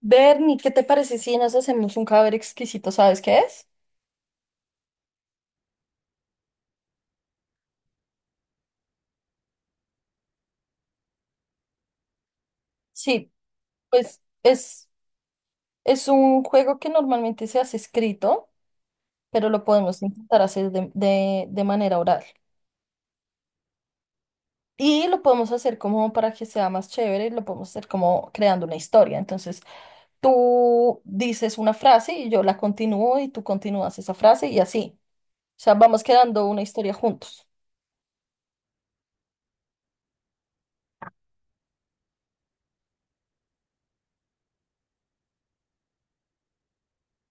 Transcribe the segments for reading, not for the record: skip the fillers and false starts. Bernie, ¿qué te parece si nos hacemos un cadáver exquisito? ¿Sabes qué es? Sí, pues es un juego que normalmente se hace escrito, pero lo podemos intentar hacer de manera oral. Y lo podemos hacer como para que sea más chévere, lo podemos hacer como creando una historia. Entonces, tú dices una frase y yo la continúo y tú continúas esa frase y así. O sea, vamos creando una historia juntos.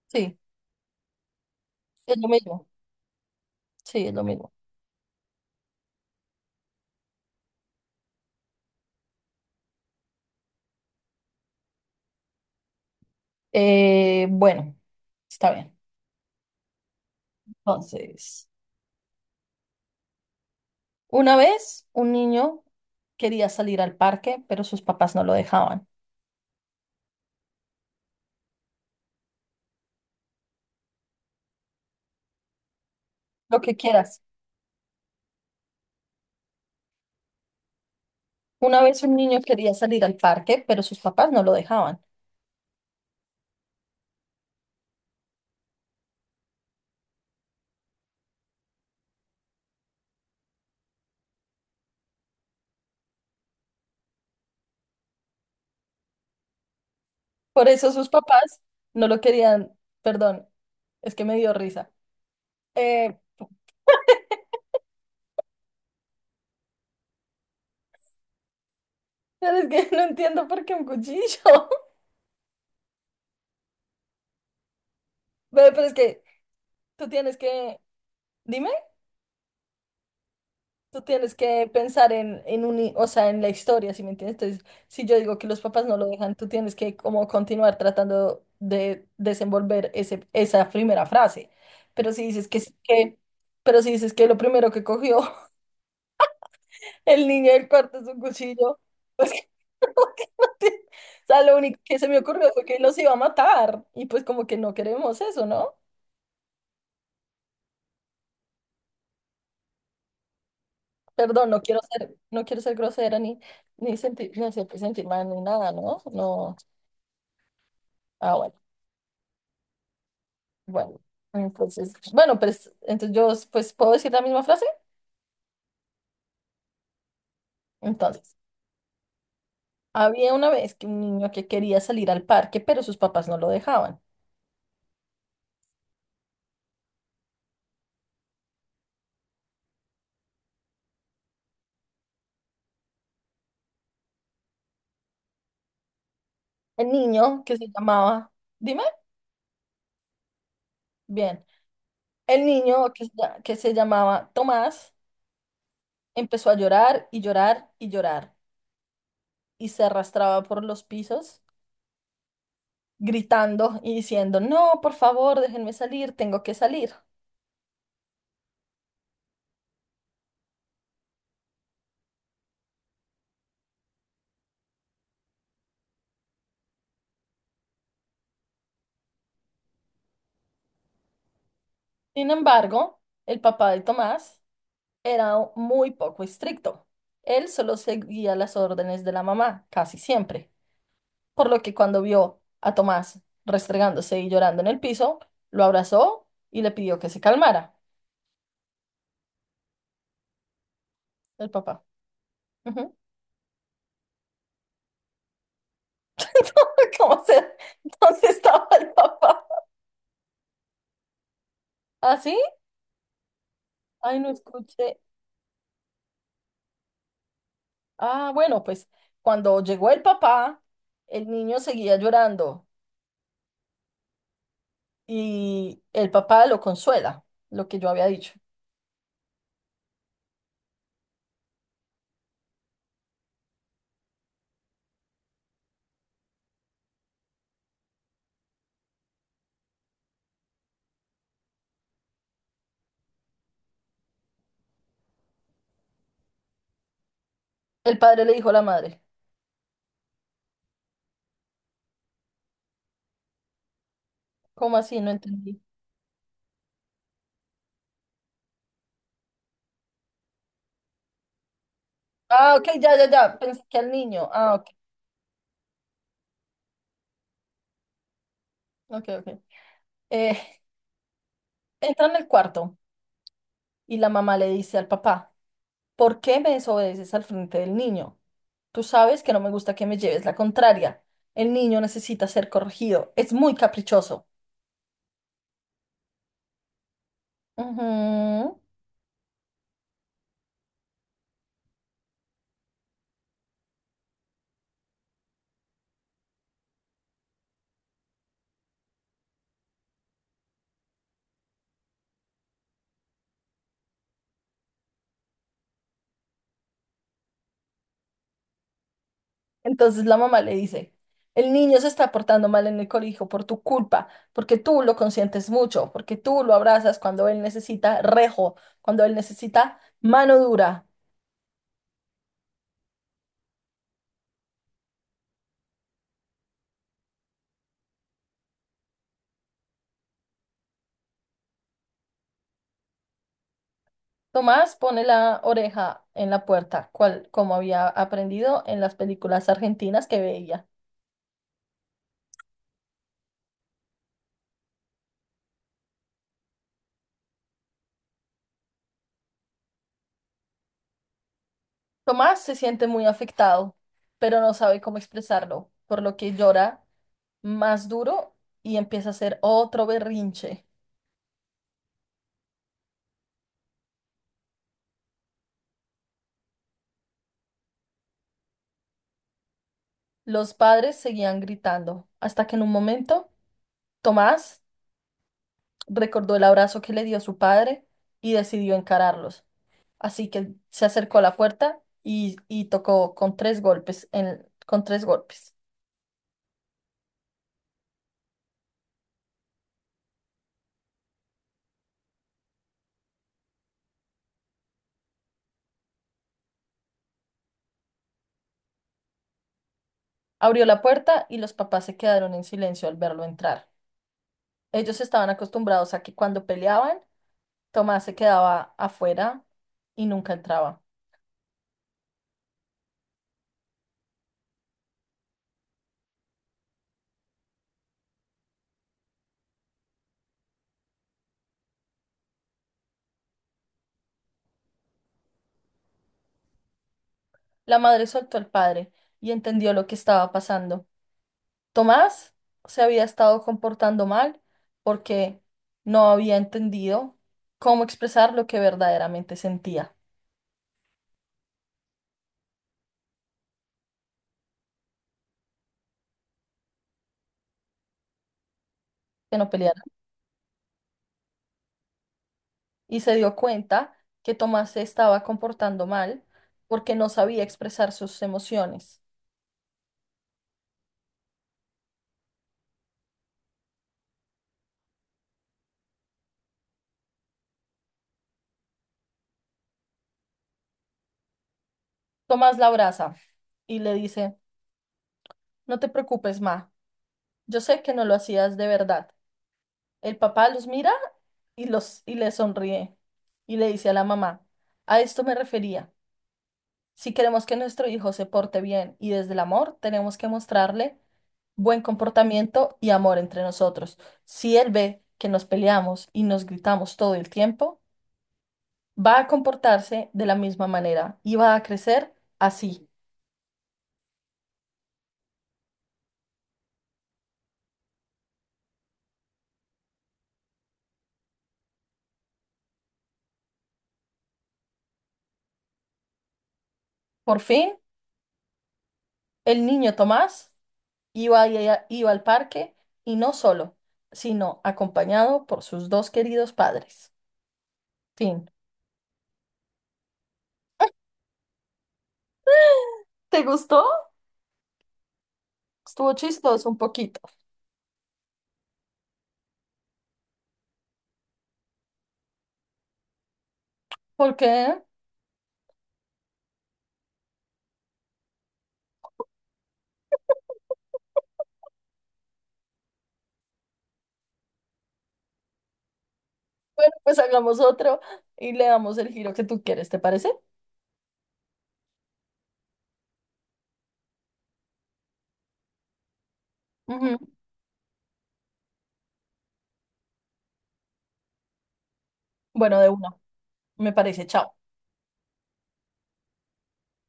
Sí, es lo mismo. Sí, es lo mismo. Bueno, está bien. Entonces... Una vez un niño quería salir al parque, pero sus papás no lo dejaban. Lo que quieras. Una vez un niño quería salir al parque, pero sus papás no lo dejaban. Por eso sus papás no lo querían. Perdón, es que me dio risa. Eh, pero es que no entiendo por qué un cuchillo. Ve, pero es que tú tienes que... Dime. Tú tienes que pensar en, o sea, en la historia, ¿sí me entiendes? Entonces, si yo digo que los papás no lo dejan, tú tienes que como continuar tratando de desenvolver ese, esa primera frase. Pero si dices que, s- que, pero si dices que lo primero que cogió el niño del cuarto es un cuchillo, pues, o sea, lo único que se me ocurrió fue que los iba a matar. Y pues como que no queremos eso, ¿no? Perdón, no quiero ser grosera ni, ni sentir, ni hacer sentir mal ni nada, ¿no? No. Ah, bueno. Bueno, entonces, bueno, pues entonces yo pues puedo decir la misma frase. Entonces, había una vez que un niño que quería salir al parque, pero sus papás no lo dejaban. El niño que se llamaba, dime, bien, el niño que se llamaba Tomás empezó a llorar y llorar y llorar y se arrastraba por los pisos gritando y diciendo, no, por favor, déjenme salir, tengo que salir. Sin embargo, el papá de Tomás era muy poco estricto. Él solo seguía las órdenes de la mamá, casi siempre, por lo que cuando vio a Tomás restregándose y llorando en el piso, lo abrazó y le pidió que se calmara. El papá. Ujú. ¿Cómo se? ¿Dónde estaba el papá? ¿Ah, sí? Ay, no escuché. Ah, bueno, pues cuando llegó el papá, el niño seguía llorando y el papá lo consuela, lo que yo había dicho. El padre le dijo a la madre, ¿cómo así? No entendí. Ah, ok, ya, ya, ya. Pensé que al niño. Ah, ok, ok, ok. Eh, entra en el cuarto y la mamá le dice al papá, ¿por qué me desobedeces al frente del niño? Tú sabes que no me gusta que me lleves la contraria. El niño necesita ser corregido. Es muy caprichoso. Ujú. Entonces la mamá le dice, el niño se está portando mal en el colegio por tu culpa, porque tú lo consientes mucho, porque tú lo abrazas cuando él necesita rejo, cuando él necesita mano dura. Tomás pone la oreja en la puerta, cual, como había aprendido en las películas argentinas que veía. Tomás se siente muy afectado, pero no sabe cómo expresarlo, por lo que llora más duro y empieza a hacer otro berrinche. Los padres seguían gritando, hasta que en un momento Tomás recordó el abrazo que le dio su padre y decidió encararlos. Así que se acercó a la puerta y tocó con tres golpes, con tres golpes. Abrió la puerta y los papás se quedaron en silencio al verlo entrar. Ellos estaban acostumbrados a que cuando peleaban, Tomás se quedaba afuera y nunca entraba. La madre soltó al padre y entendió lo que estaba pasando. Tomás se había estado comportando mal porque no había entendido cómo expresar lo que verdaderamente sentía, que no peleara. Y se dio cuenta que Tomás se estaba comportando mal porque no sabía expresar sus emociones. Tomás la abraza y le dice, no te preocupes, Ma, yo sé que no lo hacías de verdad. El papá los mira y le sonríe y le dice a la mamá, a esto me refería. Si queremos que nuestro hijo se porte bien y desde el amor, tenemos que mostrarle buen comportamiento y amor entre nosotros. Si él ve que nos peleamos y nos gritamos todo el tiempo, va a comportarse de la misma manera y va a crecer así. Por fin, el niño Tomás Iba, y iba al parque y no solo, sino acompañado por sus dos queridos padres. Fin. ¿Te gustó? Estuvo chistoso un poquito. ¿Por qué? Bueno, pues hagamos otro y le damos el giro que tú quieres, ¿te parece? Ujú. Bueno, de uno, me parece. Chao.